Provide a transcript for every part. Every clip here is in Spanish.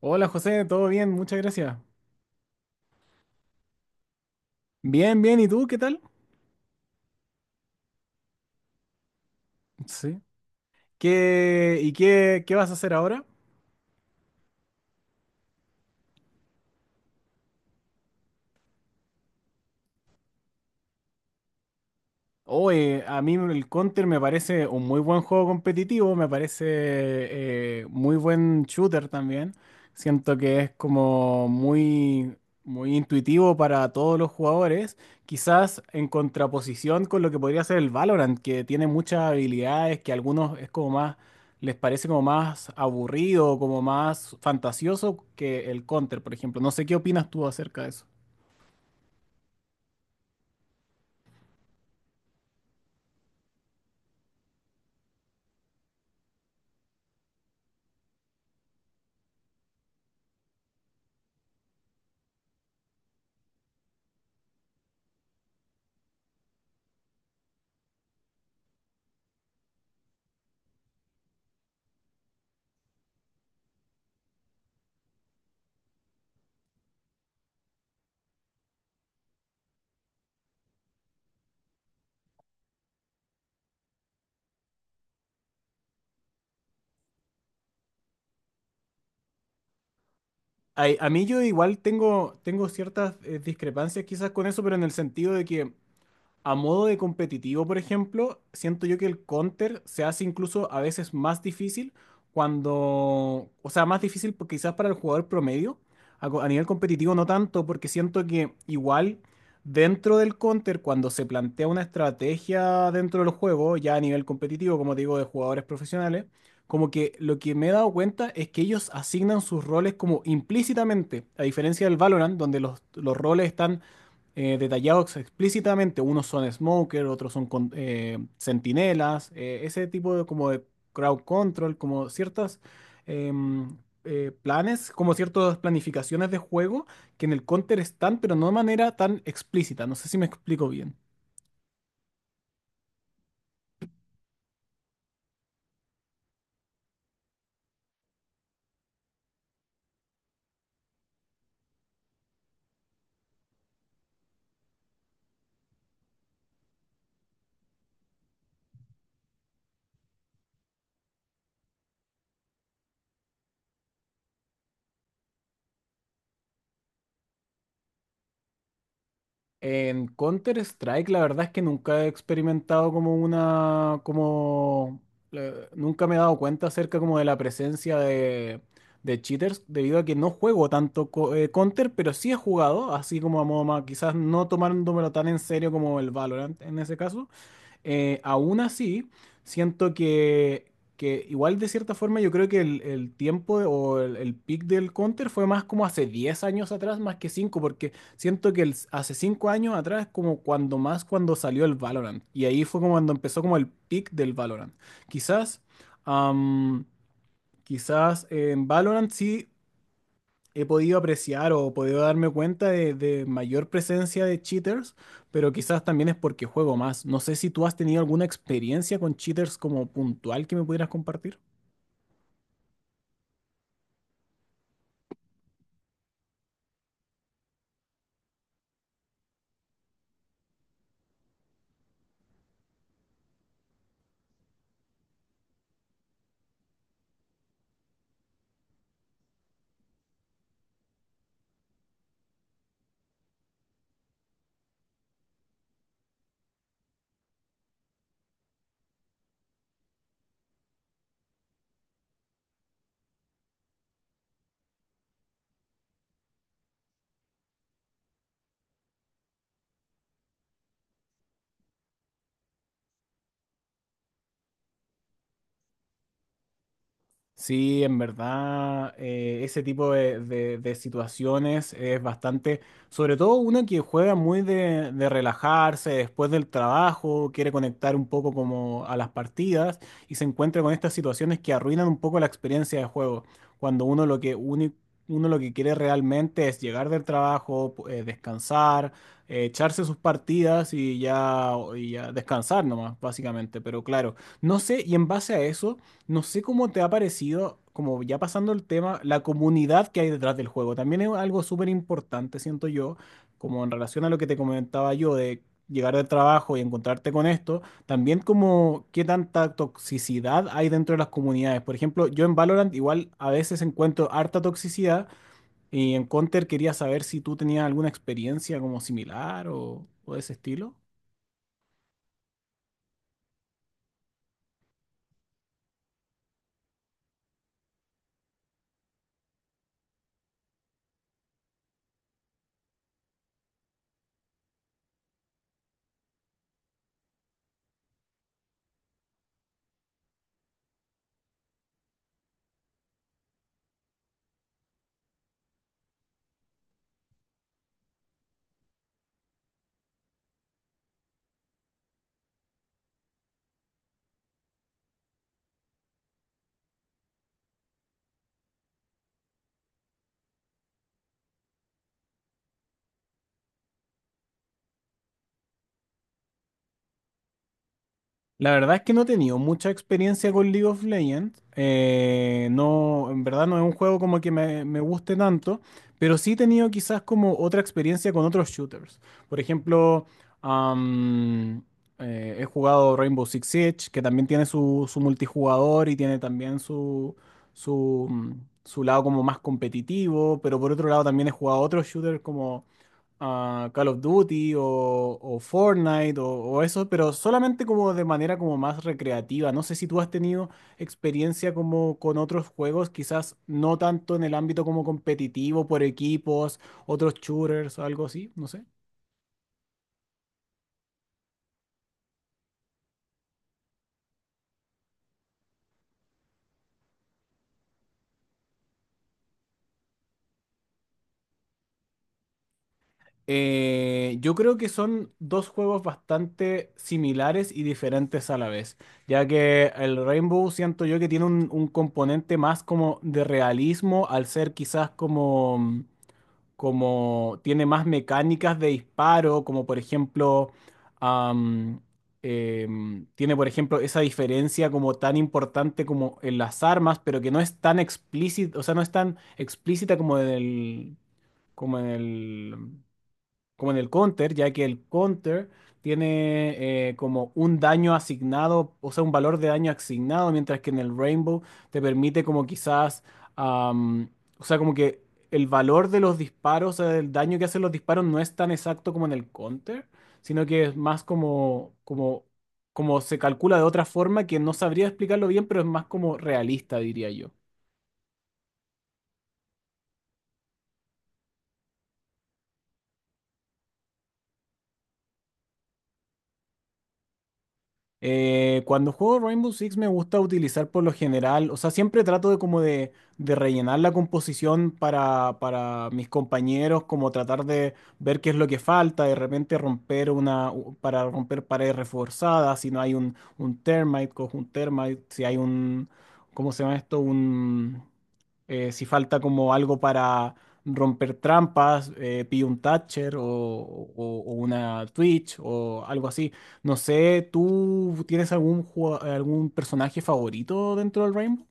Hola José, ¿todo bien? Muchas gracias. Bien, bien, ¿y tú qué tal? Sí. ¿Y qué vas a hacer ahora? Oye, a mí el Counter me parece un muy buen juego competitivo, me parece muy buen shooter también. Siento que es como muy, muy intuitivo para todos los jugadores, quizás en contraposición con lo que podría ser el Valorant, que tiene muchas habilidades que a algunos es como más, les parece como más aburrido, como más fantasioso que el Counter, por ejemplo. No sé qué opinas tú acerca de eso. A mí yo igual tengo ciertas discrepancias quizás con eso, pero en el sentido de que a modo de competitivo, por ejemplo, siento yo que el counter se hace incluso a veces más difícil cuando, o sea, más difícil porque quizás para el jugador promedio, a nivel competitivo no tanto, porque siento que igual dentro del counter, cuando se plantea una estrategia dentro del juego, ya a nivel competitivo, como te digo, de jugadores profesionales, como que lo que me he dado cuenta es que ellos asignan sus roles como implícitamente, a diferencia del Valorant, donde los roles están detallados explícitamente. Unos son smoker, otros son sentinelas, ese tipo de como de crowd control, como ciertas em, planes, como ciertas planificaciones de juego que en el Counter están, pero no de manera tan explícita. No sé si me explico bien. En Counter-Strike, la verdad es que nunca he experimentado como una, como, nunca me he dado cuenta acerca como de la presencia de cheaters, debido a que no juego tanto Counter, pero sí he jugado, así como a modo más, quizás no tomándomelo tan en serio como el Valorant en ese caso. Aún así, siento que igual de cierta forma yo creo que el o el peak del Counter fue más como hace 10 años atrás, más que 5 porque siento que hace 5 años atrás es como cuando más cuando salió el Valorant. Y ahí fue como cuando empezó como el peak del Valorant. Quizás, am, quizás en Valorant sí he podido apreciar o podido darme cuenta de mayor presencia de cheaters, pero quizás también es porque juego más. No sé si tú has tenido alguna experiencia con cheaters como puntual que me pudieras compartir. Sí, en verdad, ese tipo de situaciones es bastante, sobre todo uno que juega muy de relajarse después del trabajo, quiere conectar un poco como a las partidas y se encuentra con estas situaciones que arruinan un poco la experiencia de juego, cuando uno lo que quiere realmente es llegar del trabajo, descansar, echarse sus partidas y ya descansar nomás, básicamente, pero claro, no sé, y en base a eso. No sé cómo te ha parecido, como ya pasando el tema, la comunidad que hay detrás del juego. También es algo súper importante, siento yo, como en relación a lo que te comentaba yo de llegar del trabajo y encontrarte con esto, también como qué tanta toxicidad hay dentro de las comunidades. Por ejemplo, yo en Valorant igual a veces encuentro harta toxicidad y en Counter quería saber si tú tenías alguna experiencia como similar o de ese estilo. La verdad es que no he tenido mucha experiencia con League of Legends. No, en verdad no es un juego como que me guste tanto, pero sí he tenido quizás como otra experiencia con otros shooters. Por ejemplo, am, he jugado Rainbow Six Siege, que también tiene su multijugador y tiene también su, mm, su lado como más competitivo, pero por otro lado también he jugado otros shooters a Call of Duty o Fortnite o eso, pero solamente como de manera como más recreativa. No sé si tú has tenido experiencia como con otros juegos, quizás no tanto en el ámbito como competitivo, por equipos, otros shooters, algo así, no sé. Yo creo que son dos juegos bastante similares y diferentes a la vez, ya que el Rainbow siento yo que tiene un componente más como de realismo al ser quizás como tiene más mecánicas de disparo, como por ejemplo, am, tiene por ejemplo esa diferencia como tan importante como en las armas, pero que no es tan explícita, o sea, no es tan explícita como en el, como en el como en el counter, ya que el counter tiene como un daño asignado, o sea, un valor de daño asignado, mientras que en el Rainbow te permite como quizás, am, o sea, como que el valor de los disparos, o sea, el daño que hacen los disparos no es tan exacto como en el counter, sino que es más como se calcula de otra forma que no sabría explicarlo bien, pero es más como realista, diría yo. Cuando juego Rainbow Six me gusta utilizar por lo general, o sea, siempre trato de como de rellenar la composición para mis compañeros, como tratar de ver qué es lo que falta, de repente romper para romper paredes reforzadas, si no hay un termite, cojo un termite, si hay un, ¿cómo se llama esto? Si falta como algo para romper trampas, pillo un Thatcher o una Twitch o algo así. No sé, ¿tú tienes algún personaje favorito dentro del Rainbow?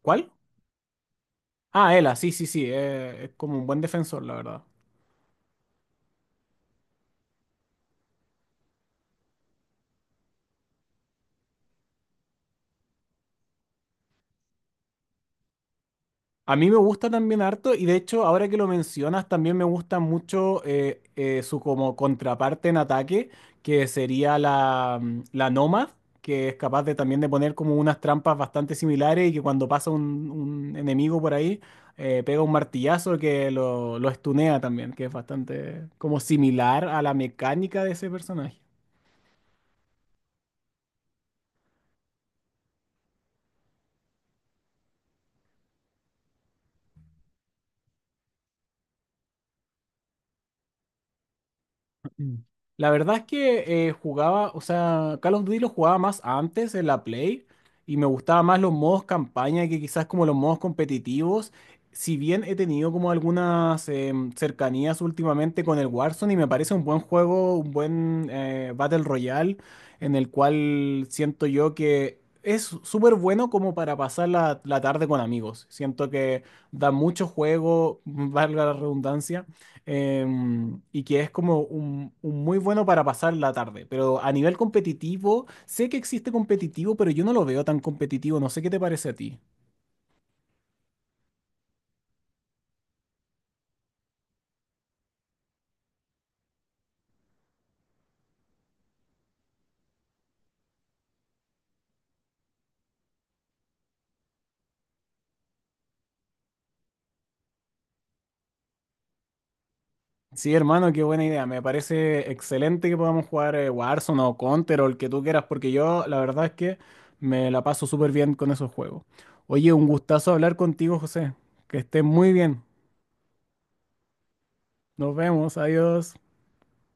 ¿Cuál? Ah, Ela, sí, sí, sí, es como un buen defensor, la verdad. A mí me gusta también harto y de hecho ahora que lo mencionas también me gusta mucho su como contraparte en ataque que sería la Nomad que es capaz de también de poner como unas trampas bastante similares y que cuando pasa un enemigo por ahí pega un martillazo que lo estunea también que es bastante como similar a la mecánica de ese personaje. Mm. La verdad es que jugaba, o sea, Call of Duty lo jugaba más antes en la Play y me gustaba más los modos campaña que quizás como los modos competitivos. Si bien he tenido como algunas cercanías últimamente con el Warzone y me parece un buen juego, un buen Battle Royale en el cual siento yo que es súper bueno como para pasar la tarde con amigos. Siento que da mucho juego, valga la redundancia y que es como un, muy bueno para pasar la tarde. Pero a nivel competitivo, sé que existe competitivo, pero yo no lo veo tan competitivo. No sé qué te parece a ti. Sí, hermano, qué buena idea. Me parece excelente que podamos jugar Warzone o Counter o el que tú quieras, porque yo la verdad es que me la paso súper bien con esos juegos. Oye, un gustazo hablar contigo, José. Que estés muy bien. Nos vemos. Adiós.